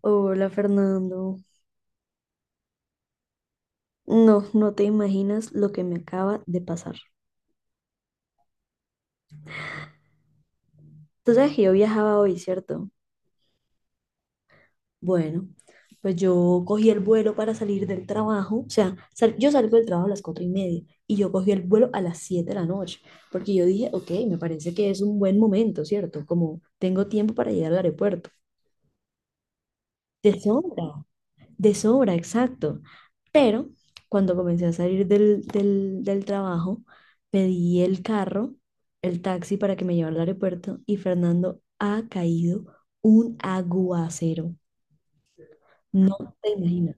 Hola Fernando. No, no te imaginas lo que me acaba de pasar. Tú sabes que yo viajaba hoy, ¿cierto? Bueno, pues yo cogí el vuelo para salir del trabajo. O sea, yo salgo del trabajo a las 4:30 y yo cogí el vuelo a las 7 de la noche porque yo dije, ok, me parece que es un buen momento, ¿cierto? Como tengo tiempo para llegar al aeropuerto. De sobra. De sobra, exacto. Pero cuando comencé a salir del trabajo, pedí el carro, el taxi para que me llevara al aeropuerto y Fernando ha caído un aguacero. No te imaginas,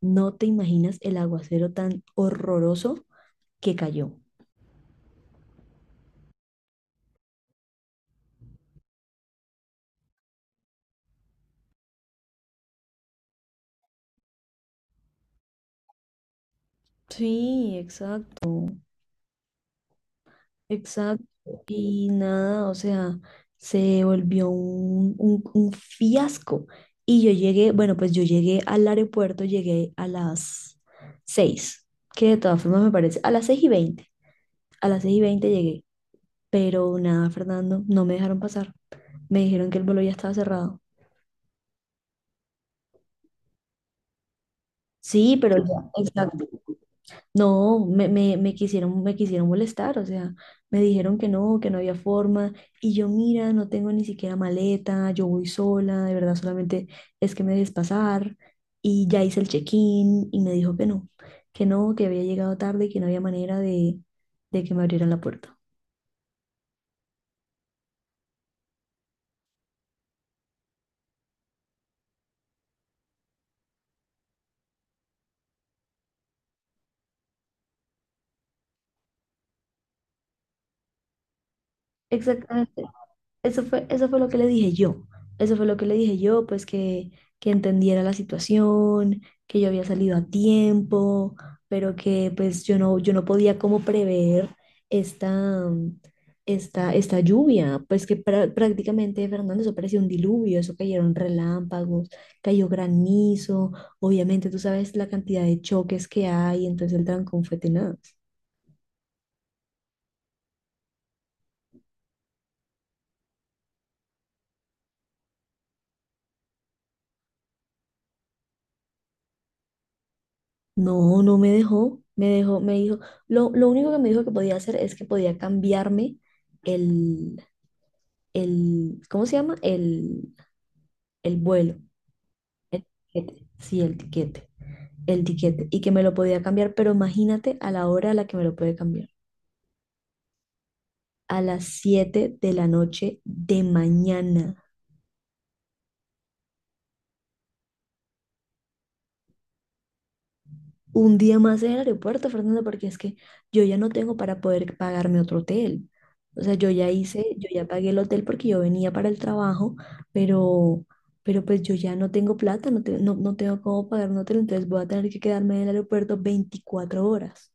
no te imaginas el aguacero tan horroroso que cayó. Sí, exacto. Exacto. Y nada, o sea, se volvió un fiasco. Y yo llegué, bueno, pues yo llegué al aeropuerto, llegué a las 6, que de todas formas me parece, a las 6:20, a las 6:20 llegué. Pero nada, Fernando, no me dejaron pasar. Me dijeron que el vuelo ya estaba cerrado. Sí, pero ya, exacto. No, me quisieron molestar. O sea, me dijeron que no había forma, y yo, mira, no tengo ni siquiera maleta, yo voy sola, de verdad, solamente es que me dejes pasar, y ya hice el check-in, y me dijo que no, que no, que había llegado tarde y que no había manera de que me abrieran la puerta. Exactamente. Eso fue lo que le dije yo. Eso fue lo que le dije yo, pues que entendiera la situación, que yo había salido a tiempo, pero que pues yo no podía como prever esta, esta lluvia. Pues que prácticamente, Fernando, eso parecía un diluvio, eso cayeron relámpagos, cayó granizo. Obviamente, tú sabes la cantidad de choques que hay, entonces el trancón fue tenaz. No, no me dejó, me dijo, lo único que me dijo que podía hacer es que podía cambiarme el, ¿cómo se llama? El vuelo, el tiquete, sí, el tiquete, y que me lo podía cambiar, pero imagínate a la hora a la que me lo puede cambiar: a las 7 de la noche de mañana. Un día más en el aeropuerto, Fernando, porque es que yo ya no tengo para poder pagarme otro hotel. O sea, yo ya hice, yo ya pagué el hotel porque yo venía para el trabajo, pero, pero pues yo ya no tengo plata, no, no tengo cómo pagar un hotel, entonces voy a tener que quedarme en el aeropuerto 24 horas.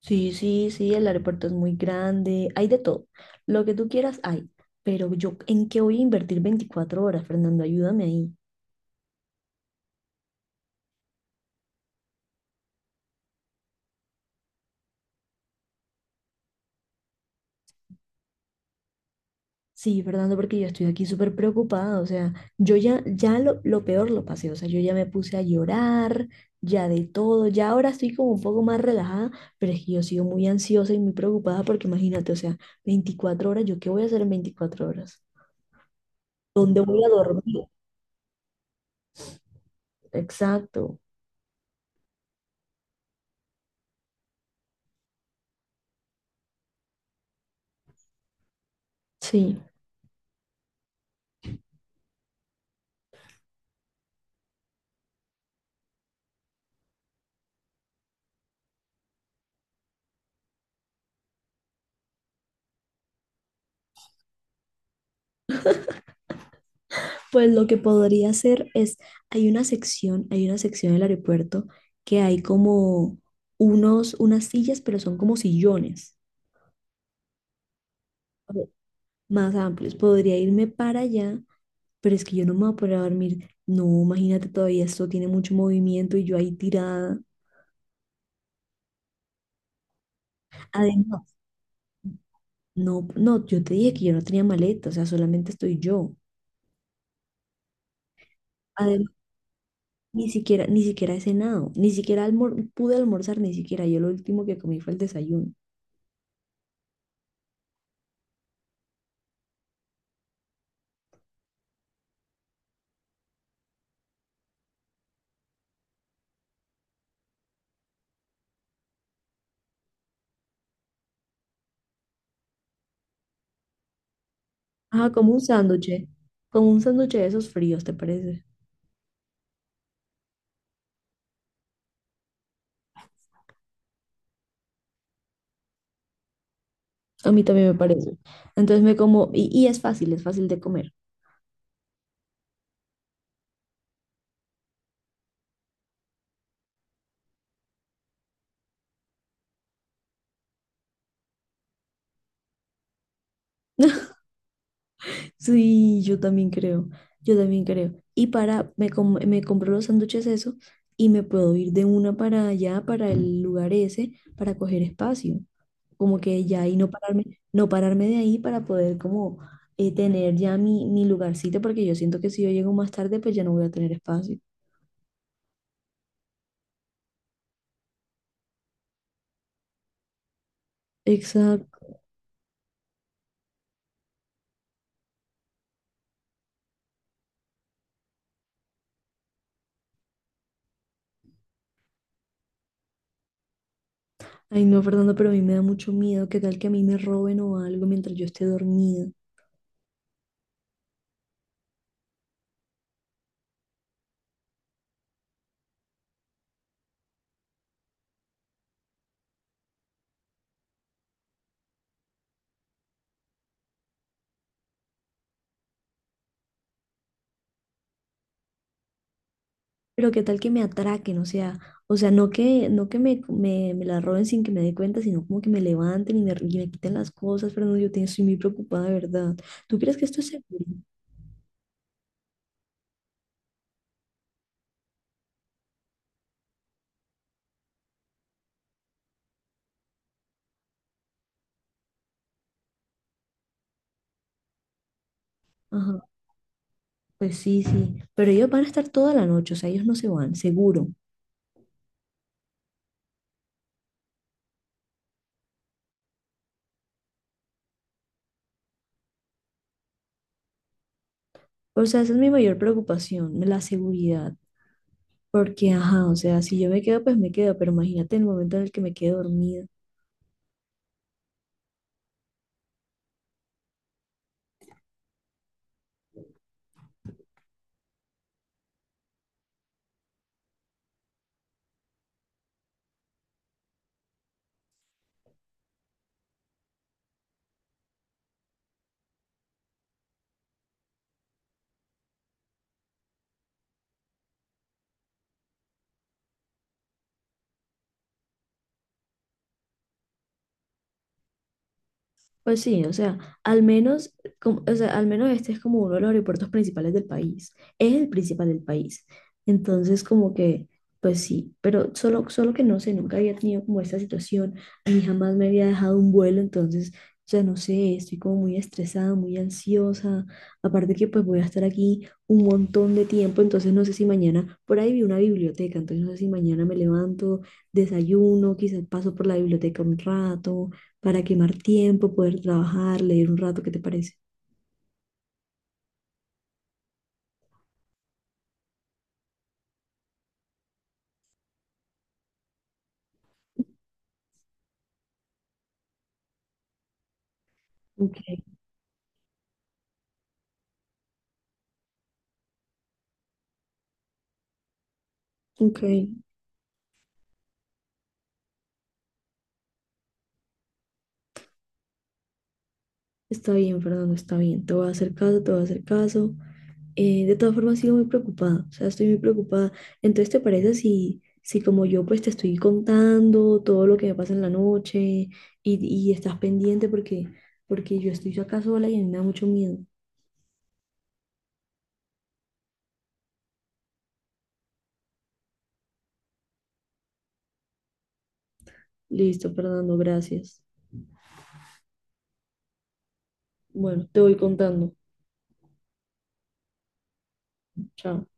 Sí, sí, sí, el aeropuerto es muy grande, hay de todo. Lo que tú quieras hay, pero yo, ¿en qué voy a invertir 24 horas, Fernando? Ayúdame ahí. Sí, Fernando, porque yo estoy aquí súper preocupada. O sea, yo ya lo peor lo pasé, o sea, yo ya me puse a llorar, ya de todo, ya ahora estoy como un poco más relajada, pero es que yo sigo muy ansiosa y muy preocupada porque imagínate, o sea, 24 horas, ¿yo qué voy a hacer en 24 horas? ¿Dónde voy a dormir? Exacto, sí. Pues lo que podría hacer es, hay una sección del aeropuerto que hay como unos, unas sillas, pero son como sillones. Más amplios. Podría irme para allá, pero es que yo no me voy a poder dormir. No, imagínate, todavía esto tiene mucho movimiento y yo ahí tirada. Además, no, no, yo te dije que yo no tenía maleta, o sea, solamente estoy yo. Además, ni siquiera, ni siquiera he cenado, ni siquiera pude almorzar, ni siquiera. Yo lo último que comí fue el desayuno. Ajá, como un sándwich de esos fríos, ¿te parece? A mí también me parece. Entonces me como, y es fácil de comer. Sí, yo también creo, yo también creo. Y para, me compro los sándwiches eso y me puedo ir de una para allá, para el lugar ese, para coger espacio. Como que ya ahí no pararme, no pararme de ahí para poder como tener ya mi lugarcito, porque yo siento que si yo llego más tarde, pues ya no voy a tener espacio. Exacto. Ay, no, Fernando, pero a mí me da mucho miedo. ¿Qué tal que a mí me roben o algo mientras yo esté dormida? Pero qué tal que me atraquen, o sea, no que me, me la roben sin que me dé cuenta, sino como que me levanten y me quiten las cosas, pero no estoy muy preocupada, de verdad. ¿Tú crees que esto es seguro? Ajá, pues sí, sí, pero ellos van a estar toda la noche, o sea, ellos no se van, seguro. O sea, esa es mi mayor preocupación, la seguridad, porque, ajá, o sea, si yo me quedo, pues me quedo, pero imagínate el momento en el que me quede dormida. Pues sí, o sea, al menos, o sea, al menos este es como uno de los aeropuertos principales del país. Es el principal del país. Entonces, como que, pues sí, pero solo que no sé, nunca había tenido como esta situación, ni jamás me había dejado un vuelo, entonces, o sea, no sé, estoy como muy estresada, muy ansiosa. Aparte que pues voy a estar aquí un montón de tiempo, entonces no sé si mañana, por ahí vi una biblioteca, entonces no sé si mañana me levanto, desayuno, quizás paso por la biblioteca un rato para quemar tiempo, poder trabajar, leer un rato, ¿qué te parece? Ok, ok, está bien, Fernando, está bien. Te voy a hacer caso, te voy a hacer caso. De todas formas, sigo muy preocupada, o sea, estoy muy preocupada. Entonces, ¿te parece si, como yo, pues te estoy contando todo lo que me pasa en la noche y estás pendiente porque, yo estoy acá sola y a mí me da mucho miedo? Listo, Fernando, gracias. Bueno, te voy contando. Chao.